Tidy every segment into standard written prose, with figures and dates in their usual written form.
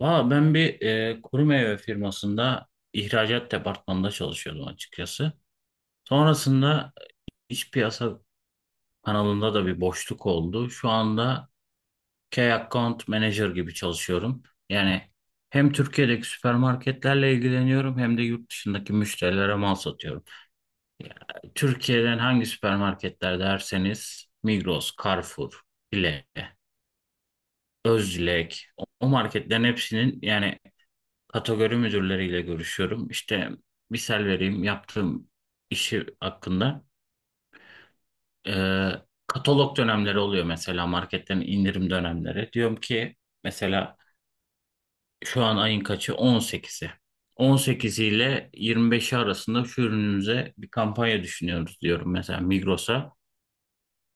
Valla ben bir kuru meyve firmasında ihracat departmanında çalışıyordum açıkçası. Sonrasında iç piyasa kanalında da bir boşluk oldu. Şu anda Key Account Manager gibi çalışıyorum. Yani hem Türkiye'deki süpermarketlerle ilgileniyorum hem de yurt dışındaki müşterilere mal satıyorum. Türkiye'den hangi süpermarketler derseniz Migros, Carrefour, Bile, Özlek o marketlerin hepsinin yani kategori müdürleriyle görüşüyorum. İşte misal vereyim yaptığım işi hakkında. Ee, Katalog dönemleri oluyor mesela marketten indirim dönemleri. Diyorum ki mesela şu an ayın kaçı? 18'i. 18 ile 25'i arasında şu ürünümüze bir kampanya düşünüyoruz diyorum mesela Migros'a.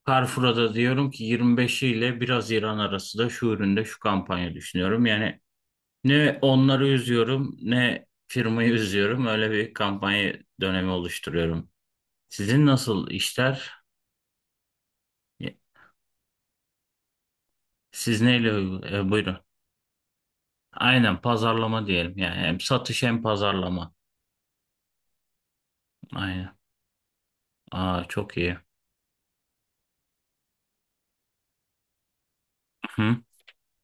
Carrefour'a da diyorum ki 25'i ile 1 Haziran arası da şu üründe şu kampanya düşünüyorum. Yani ne onları üzüyorum ne firmayı üzüyorum. Öyle bir kampanya dönemi oluşturuyorum. Sizin nasıl işler? E, Siz neyle buyurun. Aynen pazarlama diyelim. Yani hem satış hem pazarlama. Aynen. Aa çok iyi. Hı.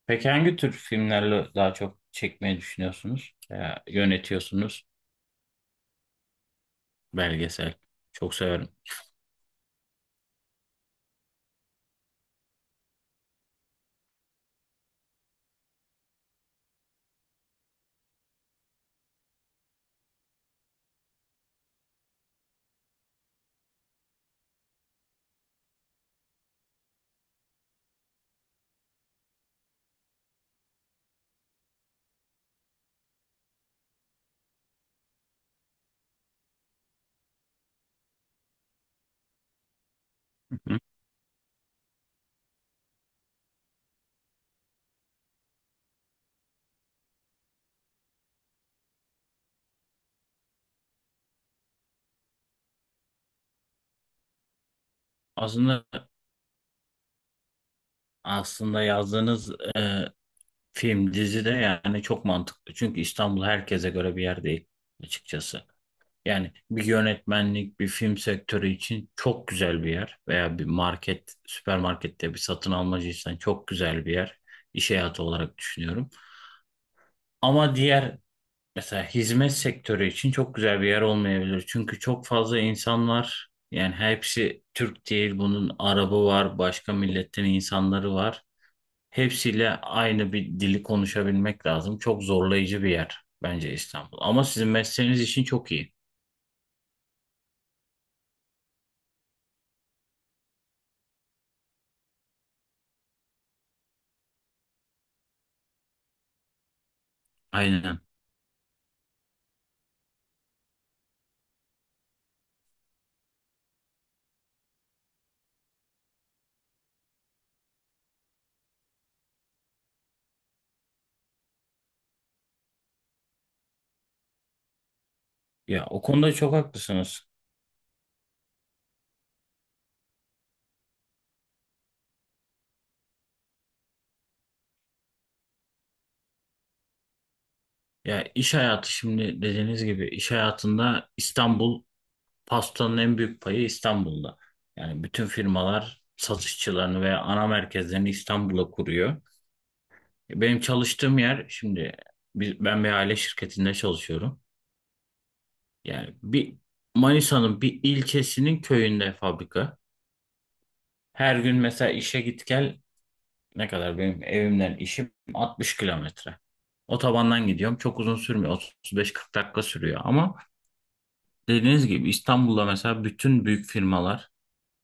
Peki hangi tür filmlerle daha çok çekmeyi düşünüyorsunuz? Veya yönetiyorsunuz? Belgesel. Çok severim. Hı hı. Aslında aslında yazdığınız film, dizi de yani çok mantıklı. Çünkü İstanbul herkese göre bir yer değil açıkçası. Yani bir yönetmenlik, bir film sektörü için çok güzel bir yer. Veya bir market, süpermarkette bir satın almacıysan çok güzel bir yer. İş hayatı olarak düşünüyorum. Ama diğer mesela hizmet sektörü için çok güzel bir yer olmayabilir. Çünkü çok fazla insan var. Yani hepsi Türk değil. Bunun Arabı var, başka milletten insanları var. Hepsiyle aynı bir dili konuşabilmek lazım. Çok zorlayıcı bir yer bence İstanbul. Ama sizin mesleğiniz için çok iyi. Aynen. Ya o konuda çok haklısınız. Ya iş hayatı şimdi dediğiniz gibi iş hayatında İstanbul pastanın en büyük payı İstanbul'da. Yani bütün firmalar satışçılarını veya ana merkezlerini İstanbul'a kuruyor. Benim çalıştığım yer şimdi ben bir aile şirketinde çalışıyorum. Yani bir Manisa'nın bir ilçesinin köyünde fabrika. Her gün mesela işe git gel ne kadar benim evimden işim 60 kilometre. Otobandan gidiyorum. Çok uzun sürmüyor. 35-40 dakika sürüyor. Ama dediğiniz gibi İstanbul'da mesela bütün büyük firmalar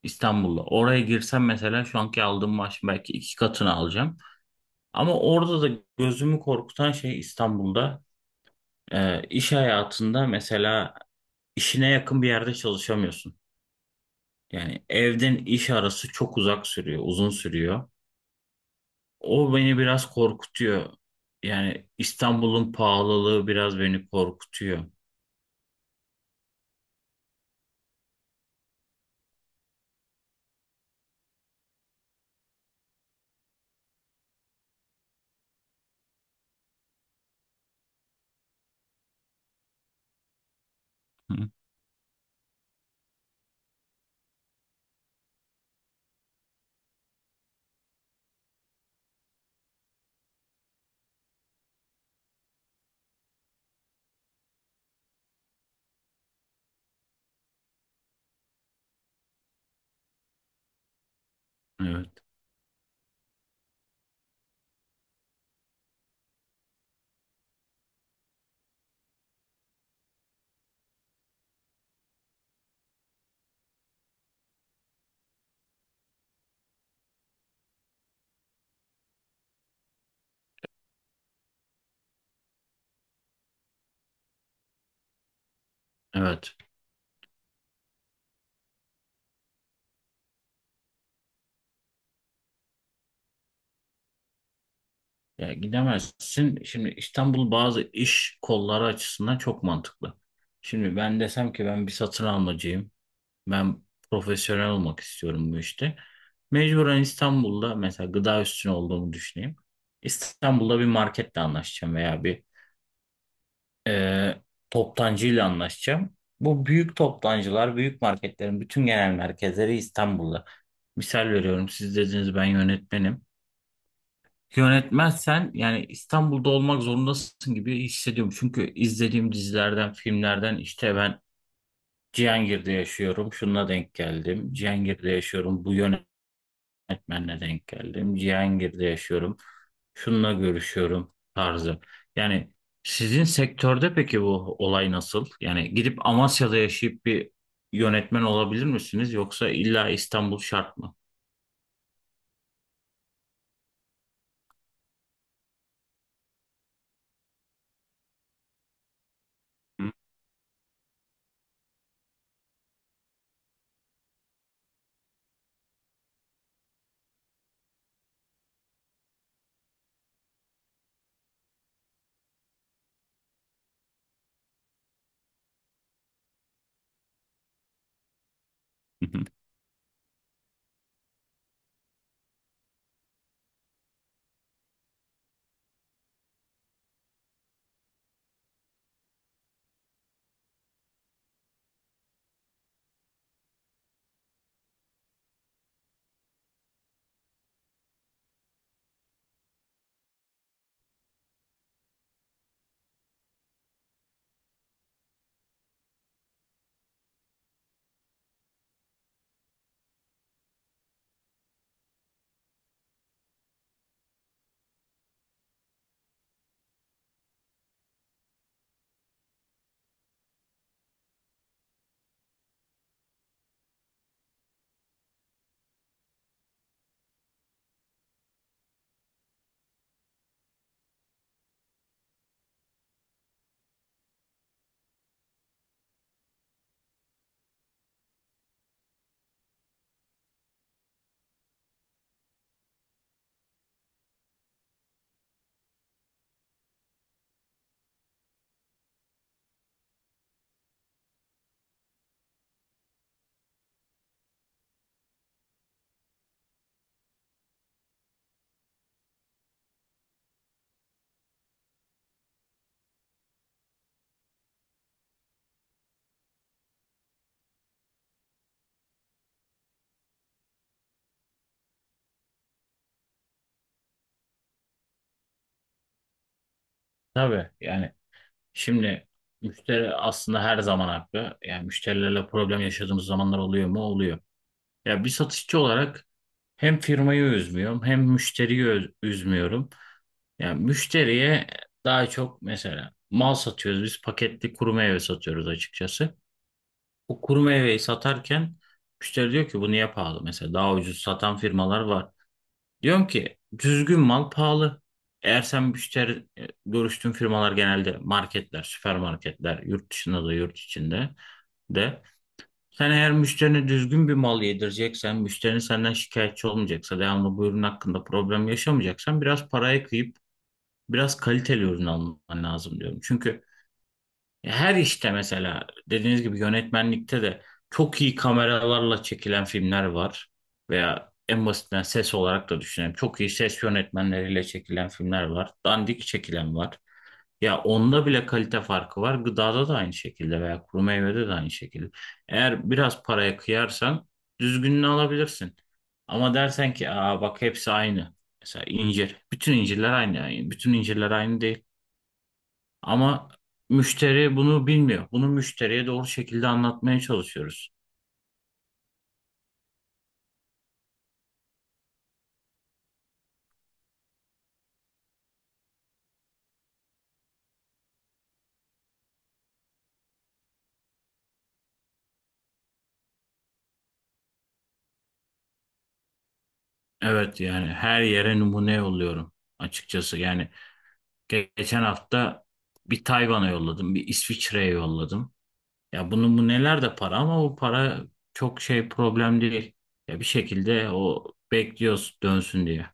İstanbul'da. Oraya girsem mesela şu anki aldığım maaşın belki 2 katını alacağım. Ama orada da gözümü korkutan şey İstanbul'da iş hayatında mesela işine yakın bir yerde çalışamıyorsun. Yani evden iş arası çok uzak sürüyor, uzun sürüyor. O beni biraz korkutuyor. Yani İstanbul'un pahalılığı biraz beni korkutuyor. Hı. Evet, evet. Ya gidemezsin. Şimdi İstanbul bazı iş kolları açısından çok mantıklı. Şimdi ben desem ki ben bir satın almacıyım. Ben profesyonel olmak istiyorum bu işte. Mecburen İstanbul'da mesela gıda üstüne olduğumu düşüneyim. İstanbul'da bir marketle anlaşacağım veya bir e, toptancıyla anlaşacağım. Bu büyük toptancılar, büyük marketlerin bütün genel merkezleri İstanbul'da. Misal veriyorum, siz dediniz ben yönetmenim. Yönetmezsen yani İstanbul'da olmak zorundasın gibi hissediyorum. Çünkü izlediğim dizilerden, filmlerden işte ben Cihangir'de yaşıyorum, şununla denk geldim. Cihangir'de yaşıyorum, bu yönetmenle denk geldim. Cihangir'de yaşıyorum. Şununla görüşüyorum tarzı. Yani sizin sektörde peki bu olay nasıl? Yani gidip Amasya'da yaşayıp bir yönetmen olabilir misiniz yoksa illa İstanbul şart mı? Hı. Tabii yani şimdi müşteri aslında her zaman haklı. Yani müşterilerle problem yaşadığımız zamanlar oluyor mu? Oluyor. Ya bir satışçı olarak hem firmayı üzmüyorum hem müşteriyi üzmüyorum. Yani müşteriye daha çok mesela mal satıyoruz biz paketli kuru meyve satıyoruz açıkçası. O kuru meyveyi satarken müşteri diyor ki bu niye pahalı? Mesela daha ucuz satan firmalar var. Diyorum ki düzgün mal pahalı. Eğer sen müşteri görüştüğün firmalar genelde marketler, süpermarketler, yurt dışında da yurt içinde de. Sen eğer müşterine düzgün bir mal yedireceksen, müşterinin senden şikayetçi olmayacaksa, devamlı bu ürün hakkında problem yaşamayacaksan biraz paraya kıyıp biraz kaliteli ürün alman lazım diyorum. Çünkü her işte mesela dediğiniz gibi yönetmenlikte de çok iyi kameralarla çekilen filmler var. Veya en basitinden ses olarak da düşünelim. Çok iyi ses yönetmenleriyle çekilen filmler var. Dandik çekilen var. Ya onda bile kalite farkı var. Gıdada da aynı şekilde veya kuru meyvede de aynı şekilde. Eğer biraz paraya kıyarsan düzgününü alabilirsin. Ama dersen ki aa bak hepsi aynı. Mesela incir. Bütün incirler aynı. Yani bütün incirler aynı değil. Ama müşteri bunu bilmiyor. Bunu müşteriye doğru şekilde anlatmaya çalışıyoruz. Evet yani her yere numune yolluyorum açıkçası. Yani geçen hafta bir Tayvan'a yolladım, bir İsviçre'ye yolladım. Ya bunun bu neler de para ama bu para çok şey problem değil. Ya bir şekilde o bekliyoruz dönsün diye.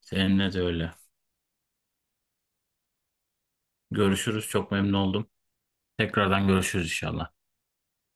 Seninle de öyle. Görüşürüz. Çok memnun oldum. Tekrardan görüşürüz inşallah.